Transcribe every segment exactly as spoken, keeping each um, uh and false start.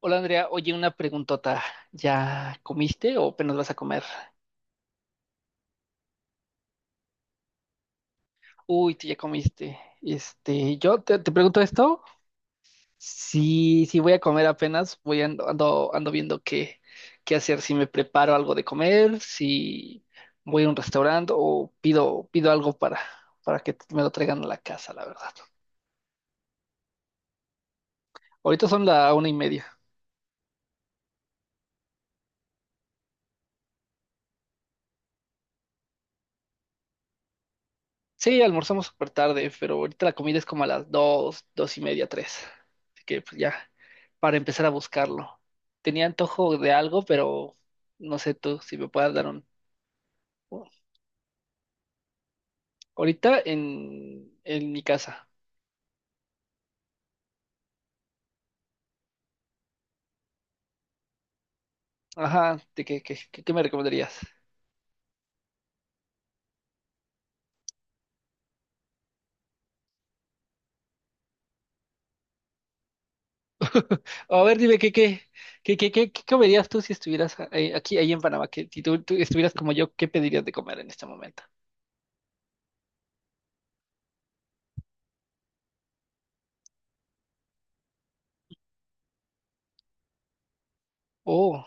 Hola Andrea, oye, una preguntota. ¿Ya comiste o apenas vas a comer? Uy, tú ya comiste. Este, yo te, te pregunto esto. Si, si voy a comer apenas, voy ando, ando, ando viendo qué, qué hacer, si me preparo algo de comer, si voy a un restaurante o pido, pido algo para, para que me lo traigan a la casa, la verdad. Ahorita son la una y media. Sí, almorzamos súper tarde, pero ahorita la comida es como a las dos, dos y media, tres. Así que pues ya, para empezar a buscarlo. Tenía antojo de algo, pero no sé tú si me puedas dar un... Ahorita en, en mi casa. Ajá, ¿de qué, qué, qué- qué me recomendarías? O a ver, dime, ¿qué, qué, qué, qué, qué, qué comerías tú si estuvieras eh, aquí, ahí en Panamá? Que si tú, tú estuvieras como yo, ¿qué pedirías de comer en este momento? Oh.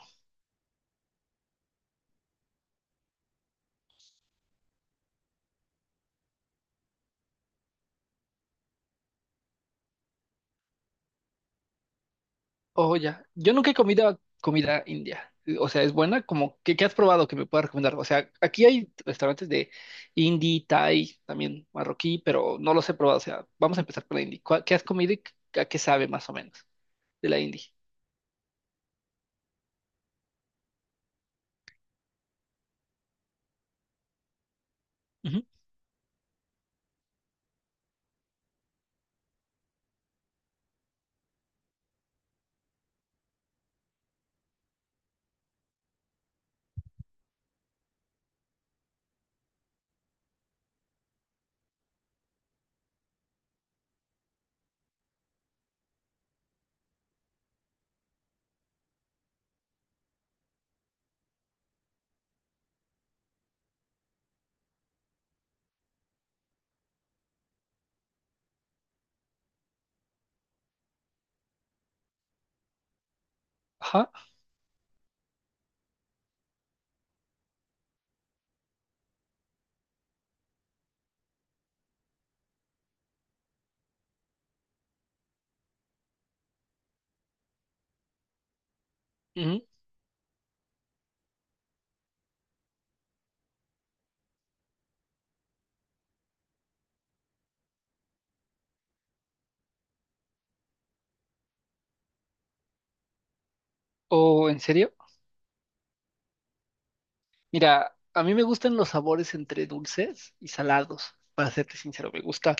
Oh, ya. Yo nunca he comido comida india. O sea, es buena. Como, ¿qué, qué has probado que me puedas recomendar? O sea, aquí hay restaurantes de indie, thai, también marroquí, pero no los he probado. O sea, vamos a empezar por la indie. ¿Cuál- ¿Qué has comido y a qué sabe más o menos de la indie? Ujú. Ajá. Ujú. ¿O en serio? Mira, a mí me gustan los sabores entre dulces y salados, para serte sincero. Me gusta,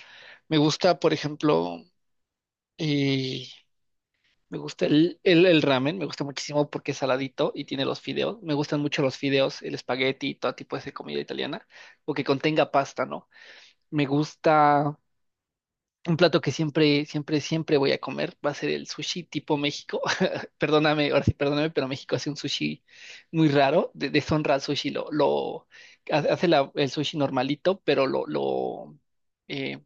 Me gusta, por ejemplo, eh, me gusta el, el, el ramen, me gusta muchísimo porque es saladito y tiene los fideos. Me gustan mucho los fideos, el espagueti todo tipo de comida italiana, o que contenga pasta, ¿no? Me gusta un plato que siempre, siempre, siempre voy a comer va a ser el sushi tipo México. Perdóname, ahora sí, perdóname, pero México hace un sushi muy raro. De, deshonra al sushi, lo, lo ha- hace la- el sushi normalito, pero lo, lo eh,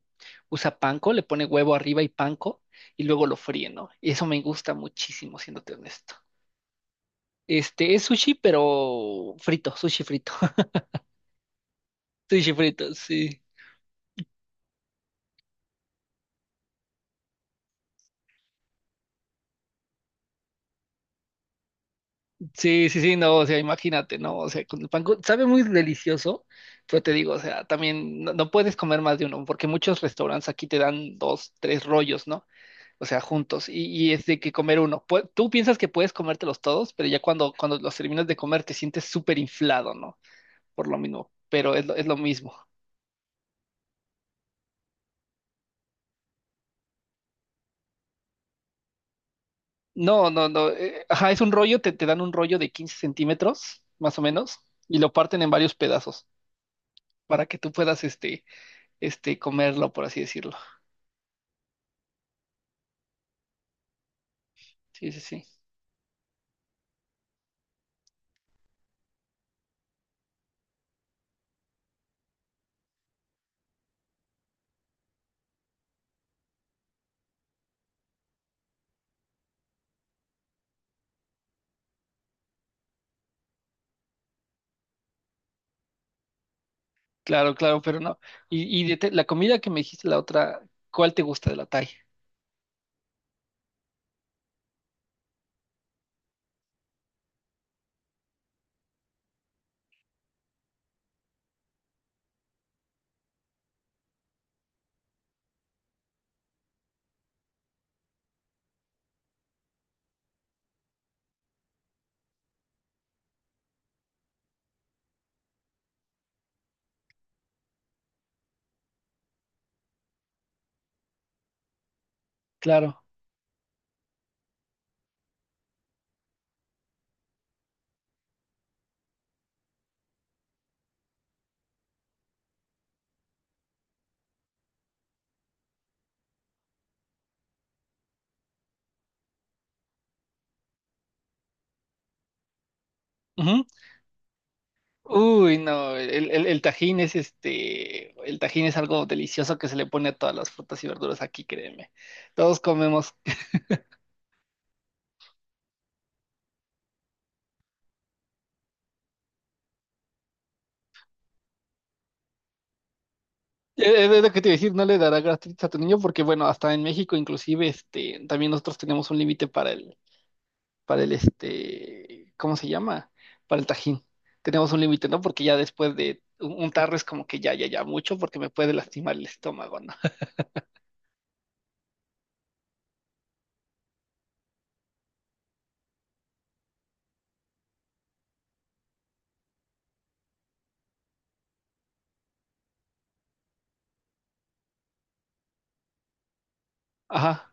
usa panko, le pone huevo arriba y panko y luego lo fríe, ¿no? Y eso me gusta muchísimo, siéndote honesto. Este es sushi, pero frito, sushi frito. Sushi frito, sí. Sí, sí, sí, no, o sea, imagínate, ¿no? O sea, con el pan con- sabe muy delicioso, pero te digo, o sea, también no, no puedes comer más de uno, porque muchos restaurantes aquí te dan dos, tres rollos, ¿no? O sea, juntos, y, y es de que comer uno. Pu- tú piensas que puedes comértelos todos, pero ya cuando, cuando los terminas de comer te sientes súper inflado, ¿no? Por lo mismo, pero es lo, es lo mismo. No, no, no, eh, ajá, es un rollo, te, te dan un rollo de quince centímetros, más o menos, y lo parten en varios pedazos, para que tú puedas, este, este, comerlo, por así decirlo. Sí, sí, sí. Claro, claro, pero no. Y, y de te- la comida que me dijiste la otra, ¿cuál te gusta de la Thai? Claro. Ujú. Uy, no, el, el, el tajín es este, el tajín es algo delicioso que se le pone a todas las frutas y verduras aquí, créeme. Todos comemos. Eh, Es lo que te iba a decir, no le dará gastritis a tu niño porque, bueno, hasta en México inclusive, este, también nosotros tenemos un límite para el para el, este, ¿cómo se llama? Para el tajín. Tenemos un límite, ¿no? Porque ya después de un, un tarro es como que ya, ya, ya mucho porque me puede lastimar el estómago, ¿no? Ajá,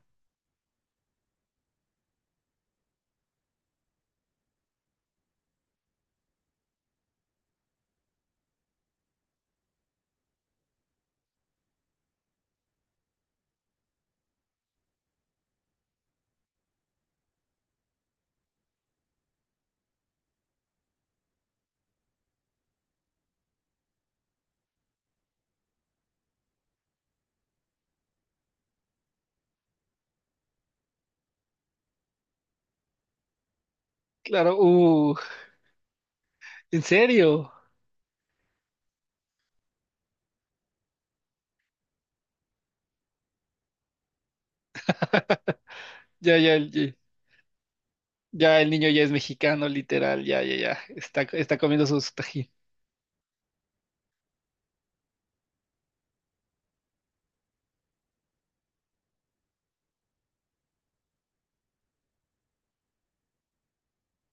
claro, uh, ¿en serio? Ya, ya, ya, ya el niño ya es mexicano, literal, ya, ya, ya, está, está comiendo su su tajín.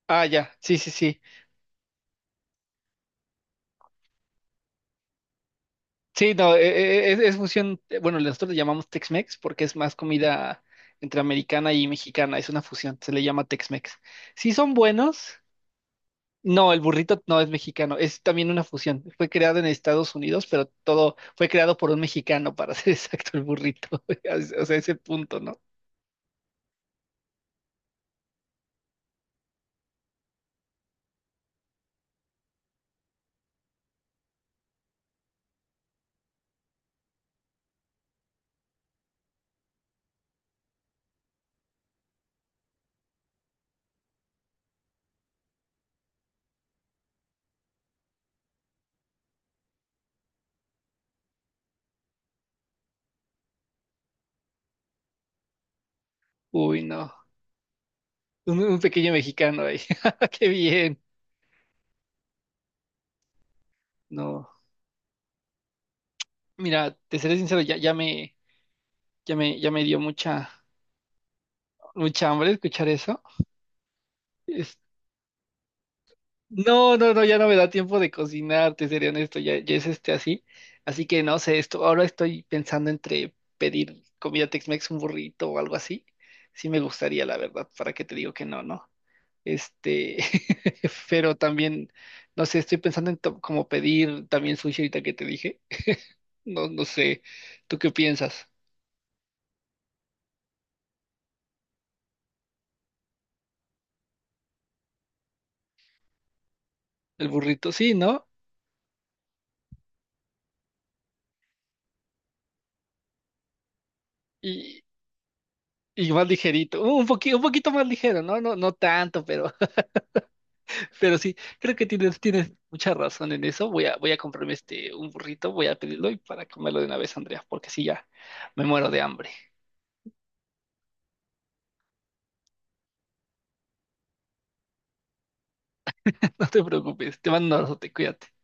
Ah, ya, sí, sí, sí. Sí, no, e- e- e, es, es fusión, eh, bueno, nosotros le llamamos Tex-Mex porque es más comida entre americana y mexicana, es una fusión, se le llama Tex-Mex. Sí son buenos. No, el burrito no es mexicano, es también una fusión. Fue creado en Estados Unidos, pero todo fue creado por un mexicano, para ser exacto, el burrito. O sea, ese punto, ¿no? Uy, no. Un, un pequeño mexicano ahí. Qué bien. No. Mira, te seré sincero, ya, ya me, ya me, ya me dio mucha, mucha hambre escuchar eso. No, no, no, ya no me da tiempo de cocinar, te seré honesto, ya, ya es este así. Así que no sé, esto, ahora estoy pensando entre pedir comida Tex-Mex, un burrito o algo así. Sí me gustaría, la verdad, para que te digo que no, ¿no? Este, pero también, no sé, estoy pensando en to- como pedir también sushi ahorita que te dije. No, no sé, ¿tú qué piensas? El burrito, sí, ¿no? Y, y más ligerito, un poquito, un poquito más ligero, ¿no? No, no tanto, pero. Pero sí, creo que tienes, tienes mucha razón en eso. Voy a, voy a comprarme este, un burrito, voy a pedirlo y para comerlo de una vez, Andrea, porque sí, ya me muero de hambre. No te preocupes, te mando un abrazo, te cuídate.